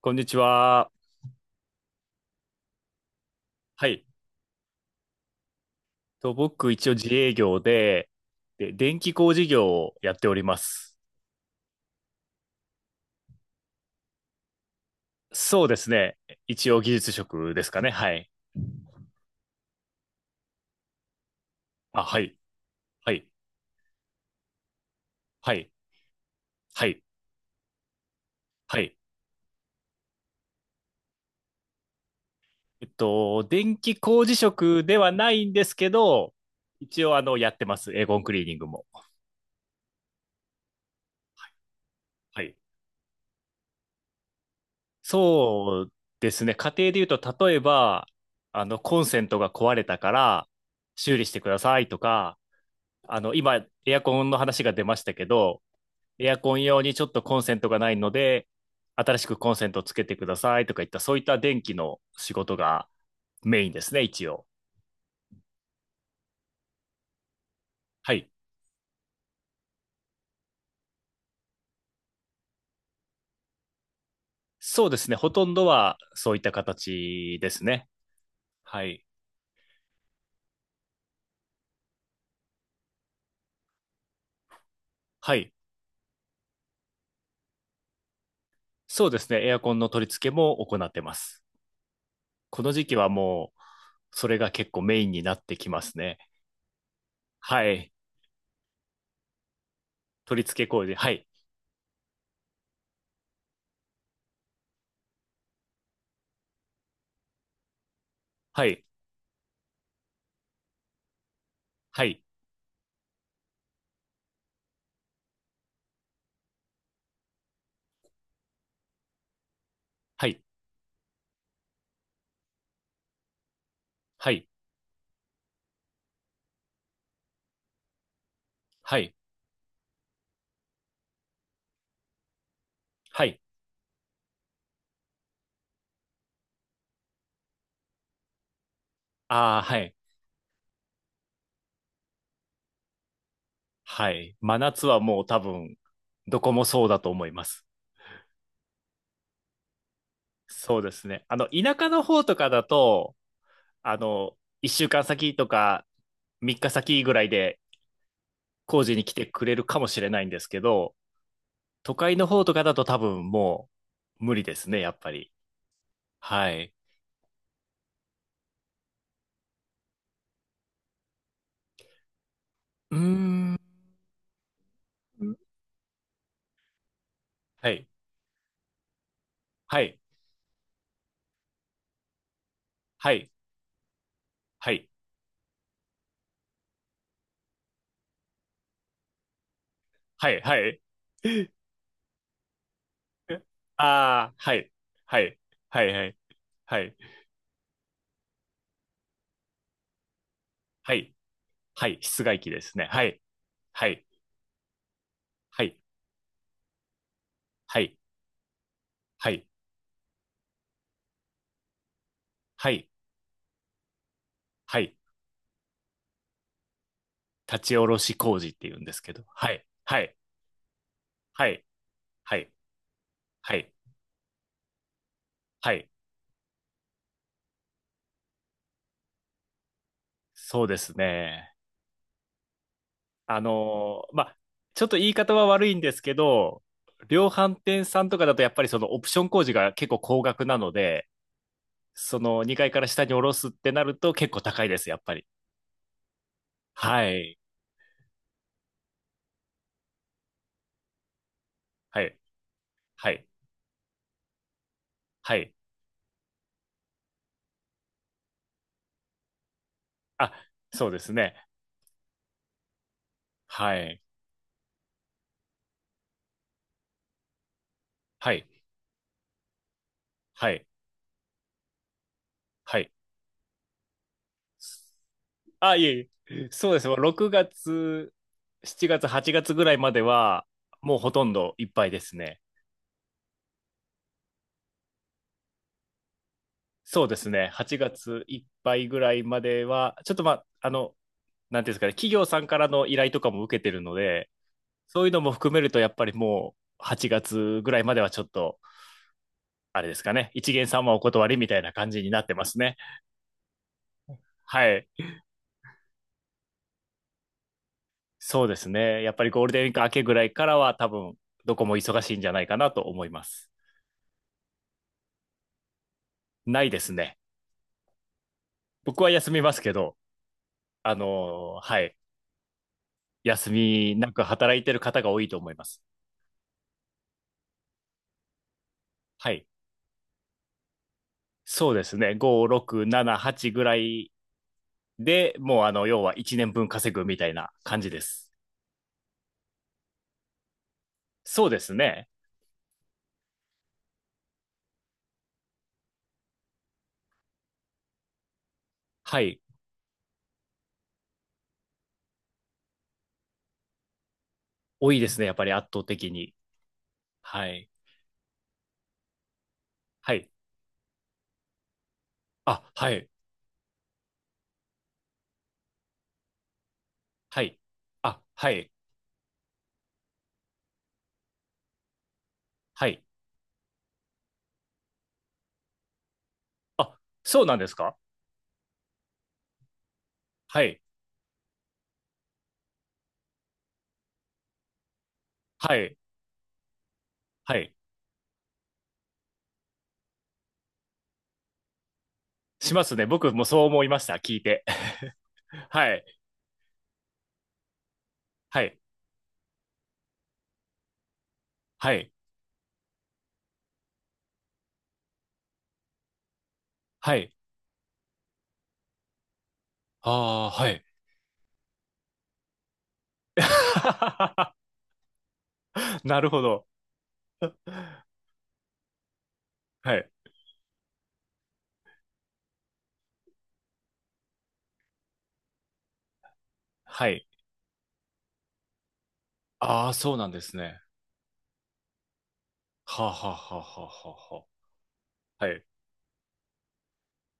こんにちは。はい。僕、一応自営業で、電気工事業をやっております。そうですね。一応技術職ですかね。はい。あ、はい。はい。はい。はい。はい。電気工事職ではないんですけど、一応、やってます。エーゴンクリーニングも。はい。そうですね。家庭で言うと、例えば、コンセントが壊れたから、修理してくださいとか、今、エアコンの話が出ましたけど、エアコン用にちょっとコンセントがないので、新しくコンセントをつけてくださいとかいった、そういった電気の仕事がメインですね、一応。はい。そうですね、ほとんどはそういった形ですね。はい。はい。そうですね、エアコンの取り付けも行ってます。この時期はもう、それが結構メインになってきますね。はい。取り付け工事。はい。はい。はい。はい。はい。はい。はい。ああ、はい。はい。真夏はもう多分、どこもそうだと思います。そうですね。田舎の方とかだと、1週間先とか3日先ぐらいで工事に来てくれるかもしれないんですけど、都会の方とかだと多分もう無理ですね、やっぱり。はい。うーん。はい。はい。はい。はい。はい。はい。ああ、はい。はい。はい。はい。はい。はい。はい、室外機ですね。はい。はい。はい、はい、はい、はい、はい。立ち下ろし工事って言うんですけど。はい、はい、はい、はい、はい、はい。そうですね。まあ、ちょっと言い方は悪いんですけど、量販店さんとかだとやっぱりそのオプション工事が結構高額なので、その2階から下に下ろすってなると結構高いです、やっぱり。はい、はい、はい、はい。あ、そうですね。はい、はい、はい、はい。あ、いえいえ。そうです。6月、7月、8月ぐらいまでは、もうほとんどいっぱいですね。そうですね。8月いっぱいぐらいまでは、ちょっとまあ、なんていうんですかね、企業さんからの依頼とかも受けてるので、そういうのも含めると、やっぱりもう8月ぐらいまではちょっと、あれですかね、一元さんはお断りみたいな感じになってますね。はい。そうですね。やっぱりゴールデンウィーク明けぐらいからは、多分、どこも忙しいんじゃないかなと思います。ないですね。僕は休みますけど、はい。休みなく働いてる方が多いと思います。はい。そうですね。5、6、7、8ぐらいで、もう要は1年分稼ぐみたいな感じです。そうですね。はい。多いですね。やっぱり圧倒的に。はい。はい。あ、はい。はい。あ、はい。はい。あ、そうなんですか？はい。はい。はい。しますね。僕もそう思いました。聞いて。はい。はい。はい。はい。ああ、はい。なるほど。はい。はい。ああ、そうなんですね。はあ、はあ、はあ、はあ、はあ。はい。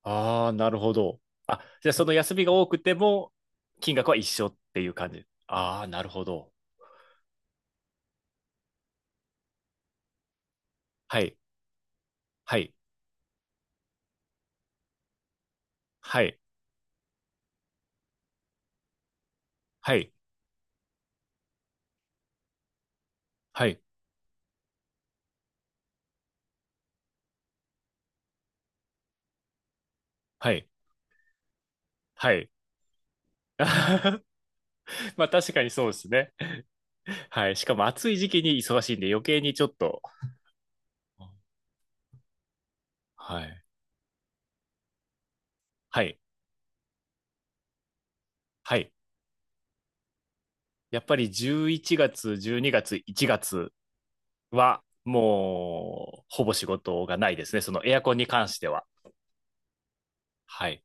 ああ、なるほど。あ、じゃあその休みが多くても、金額は一緒っていう感じ。ああ、なるほど。はい。はい。はい。はい。はい。はい。はい。まあ確かにそうですね。はい。しかも暑い時期に忙しいんで余計にちょっと。はい。はい。はい。やっぱり11月、12月、1月は、もう、ほぼ仕事がないですね。そのエアコンに関しては。はい。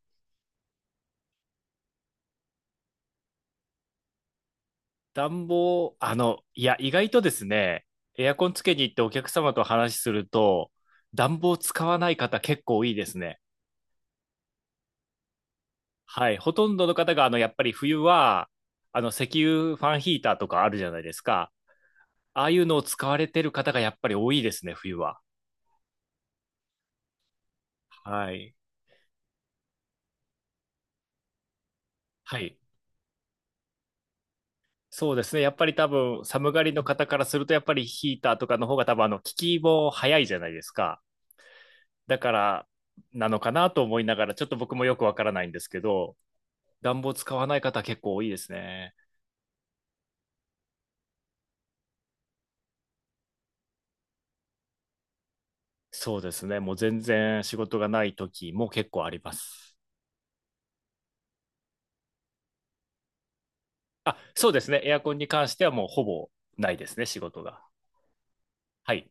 暖房、いや、意外とですね、エアコンつけに行ってお客様と話しすると、暖房使わない方結構いいですね。はい。ほとんどの方が、やっぱり冬は、石油ファンヒーターとかあるじゃないですか。ああいうのを使われてる方がやっぱり多いですね、冬は。はい。はい。そうですね。やっぱり多分、寒がりの方からすると、やっぱりヒーターとかの方が多分、効きも早いじゃないですか。だから、なのかなと思いながら、ちょっと僕もよくわからないんですけど、暖房使わない方結構多いですね。そうですね。もう全然仕事がない時も結構あります。あ、そうですね。エアコンに関してはもうほぼないですね、仕事が。はい。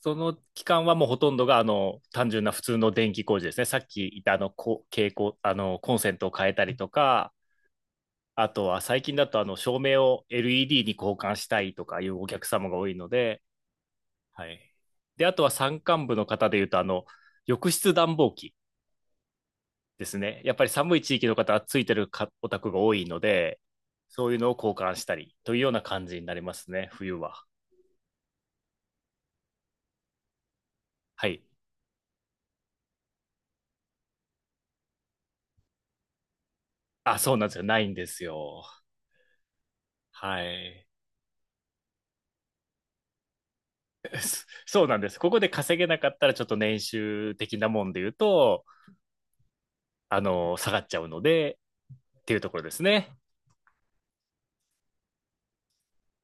その期間はもうほとんどが、単純な普通の電気工事ですね。さっき言ったこ蛍光、コンセントを変えたりとか、あとは最近だとあの照明を LED に交換したいとかいうお客様が多いので、はい。で、あとは山間部の方でいうと、浴室暖房機ですね。やっぱり寒い地域の方はついてるかお宅が多いので、そういうのを交換したりというような感じになりますね、冬は。はい。あ、そうなんですよ。ないんですよ。はい。そうなんです。ここで稼げなかったら、ちょっと年収的なもんで言うと、下がっちゃうので、っていうところですね。